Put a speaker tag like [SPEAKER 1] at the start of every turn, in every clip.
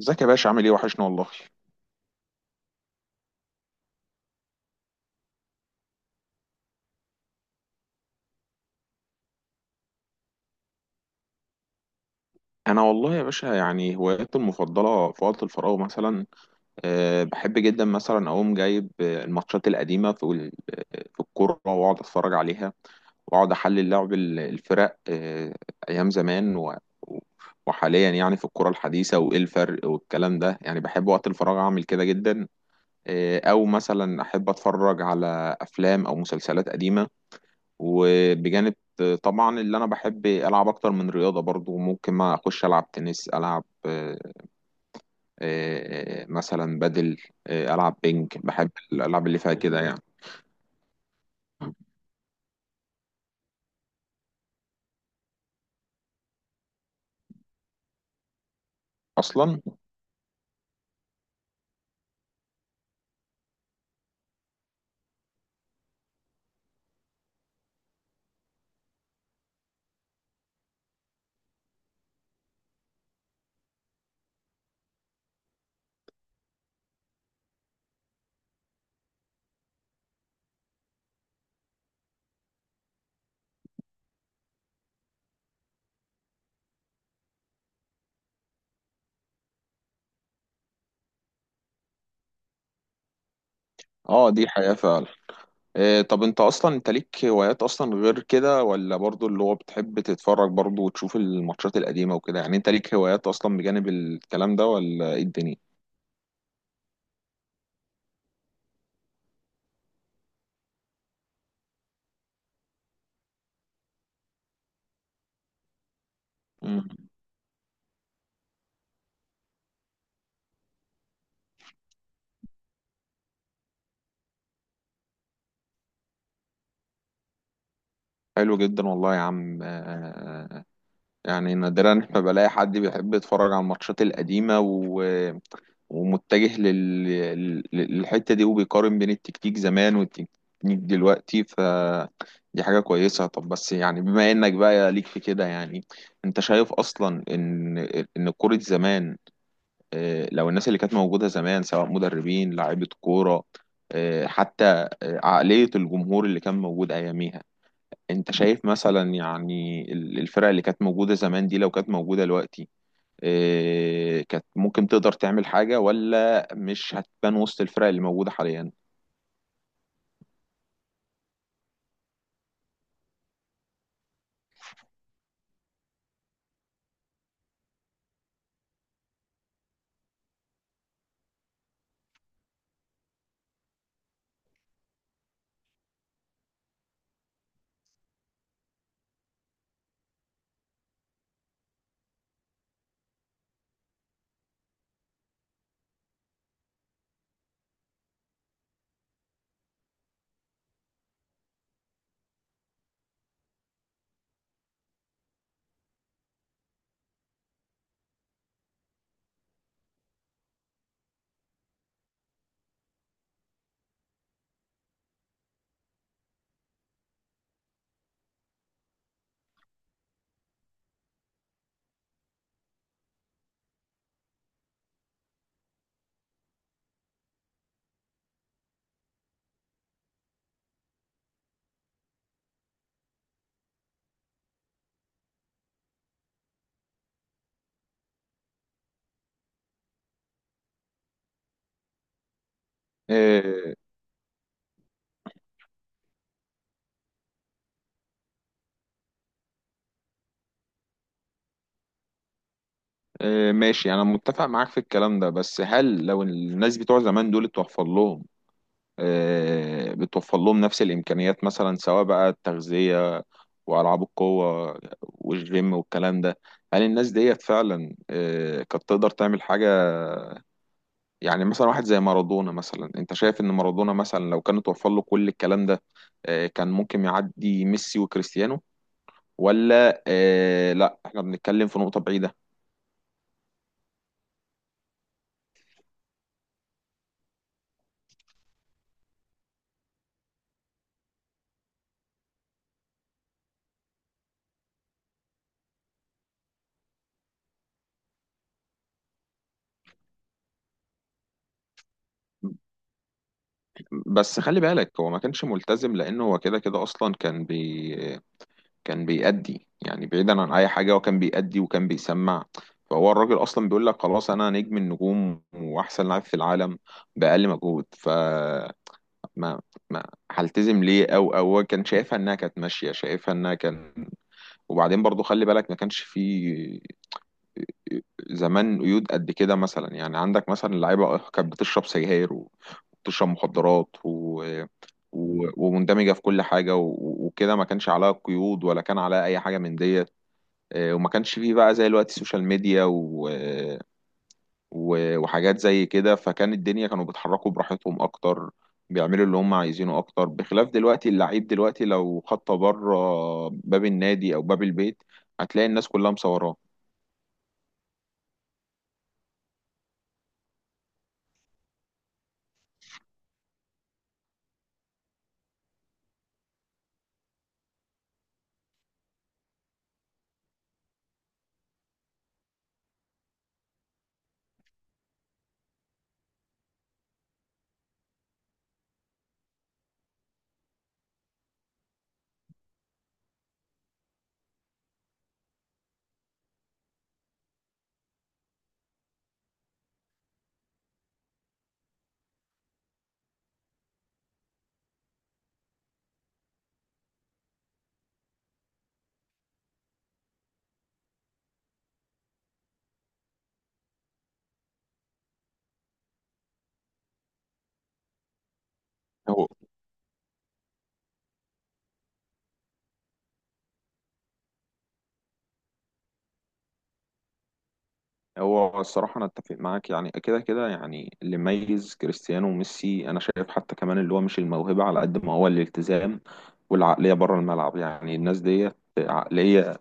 [SPEAKER 1] ازيك يا باشا؟ عامل ايه؟ وحشنا والله. انا والله يا باشا، يعني هواياتي المفضله في وقت الفراغ، مثلا بحب جدا مثلا اقوم جايب الماتشات القديمه في ال- آه، في الكوره، واقعد اتفرج عليها، واقعد احلل لعب الفرق. ايام زمان وحاليا، يعني في الكوره الحديثه وايه الفرق والكلام ده، يعني بحب وقت الفراغ اعمل كده جدا. او مثلا احب اتفرج على افلام او مسلسلات قديمه. وبجانب، طبعا اللي انا بحب العب اكتر من رياضه، برضو ممكن ما اخش العب تنس، العب مثلا بدل، العب بينج. بحب الالعاب اللي فيها كده يعني. اصلا. اه، دي حياه فعلا. طب انت اصلا، انت ليك هوايات اصلا غير كده؟ ولا برضو اللي هو بتحب تتفرج برضو وتشوف الماتشات القديمه وكده، يعني انت ليك هوايات اصلا بجانب الكلام ده ولا ايه الدنيا؟ مم. حلو جدا والله يا عم. يعني نادرا ما بلاقي حد بيحب يتفرج على الماتشات القديمة، و... ومتجه للحتة دي، وبيقارن بين التكتيك زمان والتكتيك دلوقتي. دي حاجة كويسة. طب بس يعني بما انك بقى ليك في كده، يعني انت شايف اصلا ان كرة زمان، لو الناس اللي كانت موجودة زمان، سواء مدربين، لاعيبة كورة، حتى عقلية الجمهور اللي كان موجود اياميها، انت شايف مثلا، يعني الفرق اللي كانت موجودة زمان دي، لو كانت موجودة دلوقتي، إيه كانت ممكن تقدر تعمل حاجة ولا مش هتبان وسط الفرق اللي موجودة حاليا؟ إيه، إيه، ماشي، انا متفق معاك في الكلام ده. بس هل لو الناس بتوع زمان دول اتوفر لهم إيه بتوفر لهم نفس الامكانيات، مثلا سواء بقى التغذية والعاب القوة والجيم والكلام ده، هل الناس ديت فعلا إيه كانت تقدر تعمل حاجة؟ يعني مثلا واحد زي مارادونا، مثلا انت شايف ان مارادونا مثلا لو كان اتوفر له كل الكلام ده، كان ممكن يعدي ميسي وكريستيانو؟ ولا لا، احنا بنتكلم في نقطة بعيدة؟ بس خلي بالك، هو ما كانش ملتزم لانه هو كده كده اصلا كان بيأدي. يعني بعيدا عن اي حاجة، هو كان بيأدي وكان بيسمع. فهو الراجل اصلا بيقول لك خلاص انا نجم النجوم واحسن لاعب في العالم بأقل مجهود. ما ما هلتزم ليه؟ او هو كان شايفها انها كانت ماشيه، شايفها انها كان وبعدين برضو خلي بالك، ما كانش في زمان قيود قد كده. مثلا يعني عندك مثلا، اللعيبه كانت بتشرب سجاير وبتشرب مخدرات و... و... ومندمجه في كل حاجه و... وكده، ما كانش عليها قيود ولا كان عليها اي حاجه من ديت. وما كانش فيه بقى زي الوقت السوشيال ميديا و... و- وحاجات زي كده، فكان الدنيا كانوا بيتحركوا براحتهم اكتر، بيعملوا اللي هم عايزينه اكتر. بخلاف دلوقتي، اللعيب دلوقتي لو خطه بره باب النادي او باب البيت، هتلاقي الناس كلها مصوراه. هو هو الصراحة أنا أتفق معاك، يعني كده كده، يعني اللي ميز كريستيانو وميسي أنا شايف حتى كمان اللي هو مش الموهبة على قد ما هو الالتزام والعقلية بره الملعب. يعني الناس ديت عقلية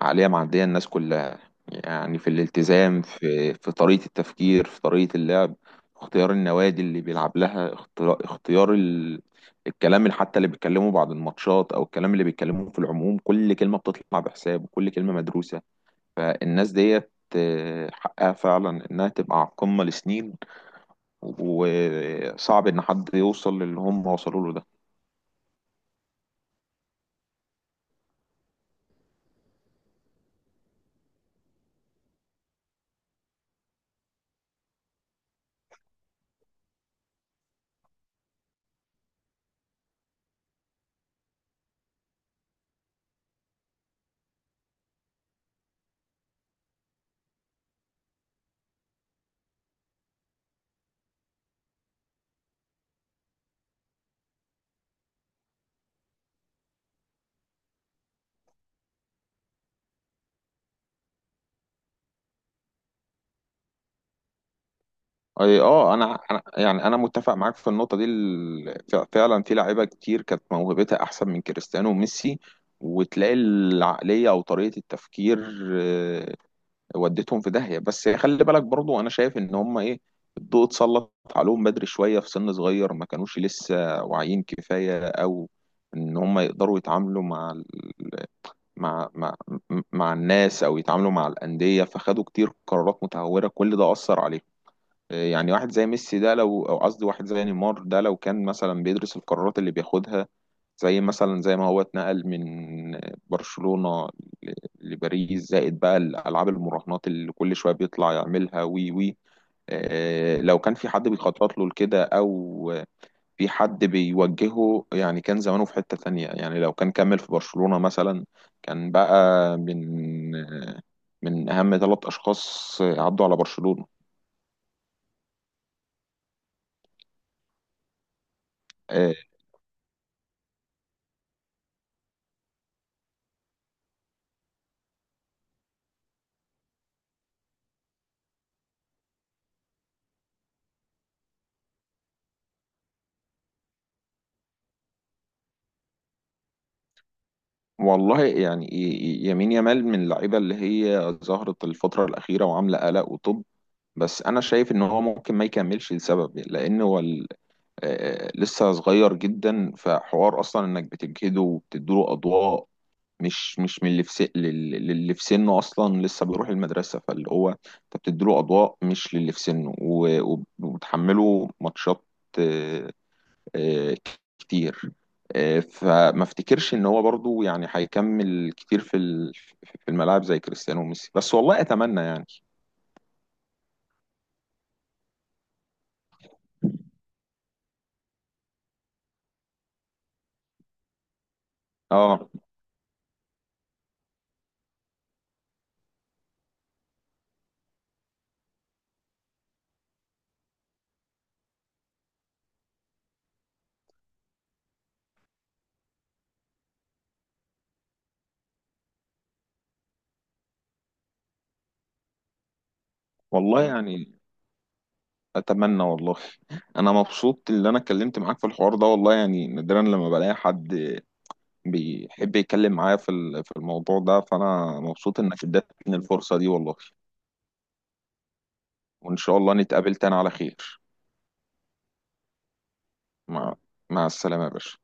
[SPEAKER 1] عقلية معدية الناس كلها، يعني في الالتزام، في طريقة التفكير، في طريقة اللعب، في اختيار النوادي اللي بيلعب لها، الكلام اللي حتى اللي بيتكلموا بعد الماتشات، او الكلام اللي بيتكلموه في العموم، كل كلمة بتطلع بحساب، وكل كلمة مدروسة. فالناس ديت حقها فعلا انها تبقى على القمة لسنين، وصعب ان حد يوصل للي هم وصلوا له ده. انا يعني، انا متفق معاك في النقطه دي. فعلا في لعيبه كتير كانت موهبتها احسن من كريستيانو وميسي، وتلاقي العقليه او طريقه التفكير آه، ودتهم في داهيه. بس خلي بالك برضو، انا شايف ان هم ايه، الضوء اتسلط عليهم بدري شويه، في سن صغير ما كانوش لسه واعيين كفايه، او ان هم يقدروا يتعاملوا مع مع مع الناس، او يتعاملوا مع الانديه، فخدوا كتير قرارات متهوره، كل ده اثر عليهم. يعني واحد زي نيمار ده، لو كان مثلا بيدرس القرارات اللي بياخدها، زي مثلا زي ما هو اتنقل من برشلونة ل- لباريس، زائد بقى الالعاب المراهنات اللي كل شوية بيطلع يعملها، وي وي لو كان في حد بيخطط له لكده، او في حد بيوجهه، يعني كان زمانه في حتة تانية. يعني لو كان كمل في برشلونة مثلا، كان بقى من اهم 3 اشخاص عدوا على برشلونة. آه، والله يعني، يمين يامال من اللعيبه اللي هي ظهرت الفتره الاخيره وعامله قلق وطب. بس انا شايف ان هو ممكن ما يكملش لسبب، لان هو لسه صغير جدا. فحوار اصلا انك بتجهده وبتديله اضواء مش من اللي في سن، للي في سنه اصلا لسه بيروح المدرسه. فاللي هو انت بتديله اضواء مش للي في سنه، و- وب- وبتحمله ماتشات آه، كتير. فما افتكرش ان هو برضو يعني هيكمل كتير في الملاعب زي كريستيانو وميسي، بس والله اتمنى يعني. اه والله يعني، اتمنى والله. انا مبسوط ان انا اتكلمت معاك في الحوار ده والله، يعني نادرا لما بلاقي حد بيحب يتكلم معايا في الموضوع ده، فانا مبسوط انك ادتني الفرصة دي والله. وان شاء الله نتقابل تاني على خير. مع مع السلامة يا باشا.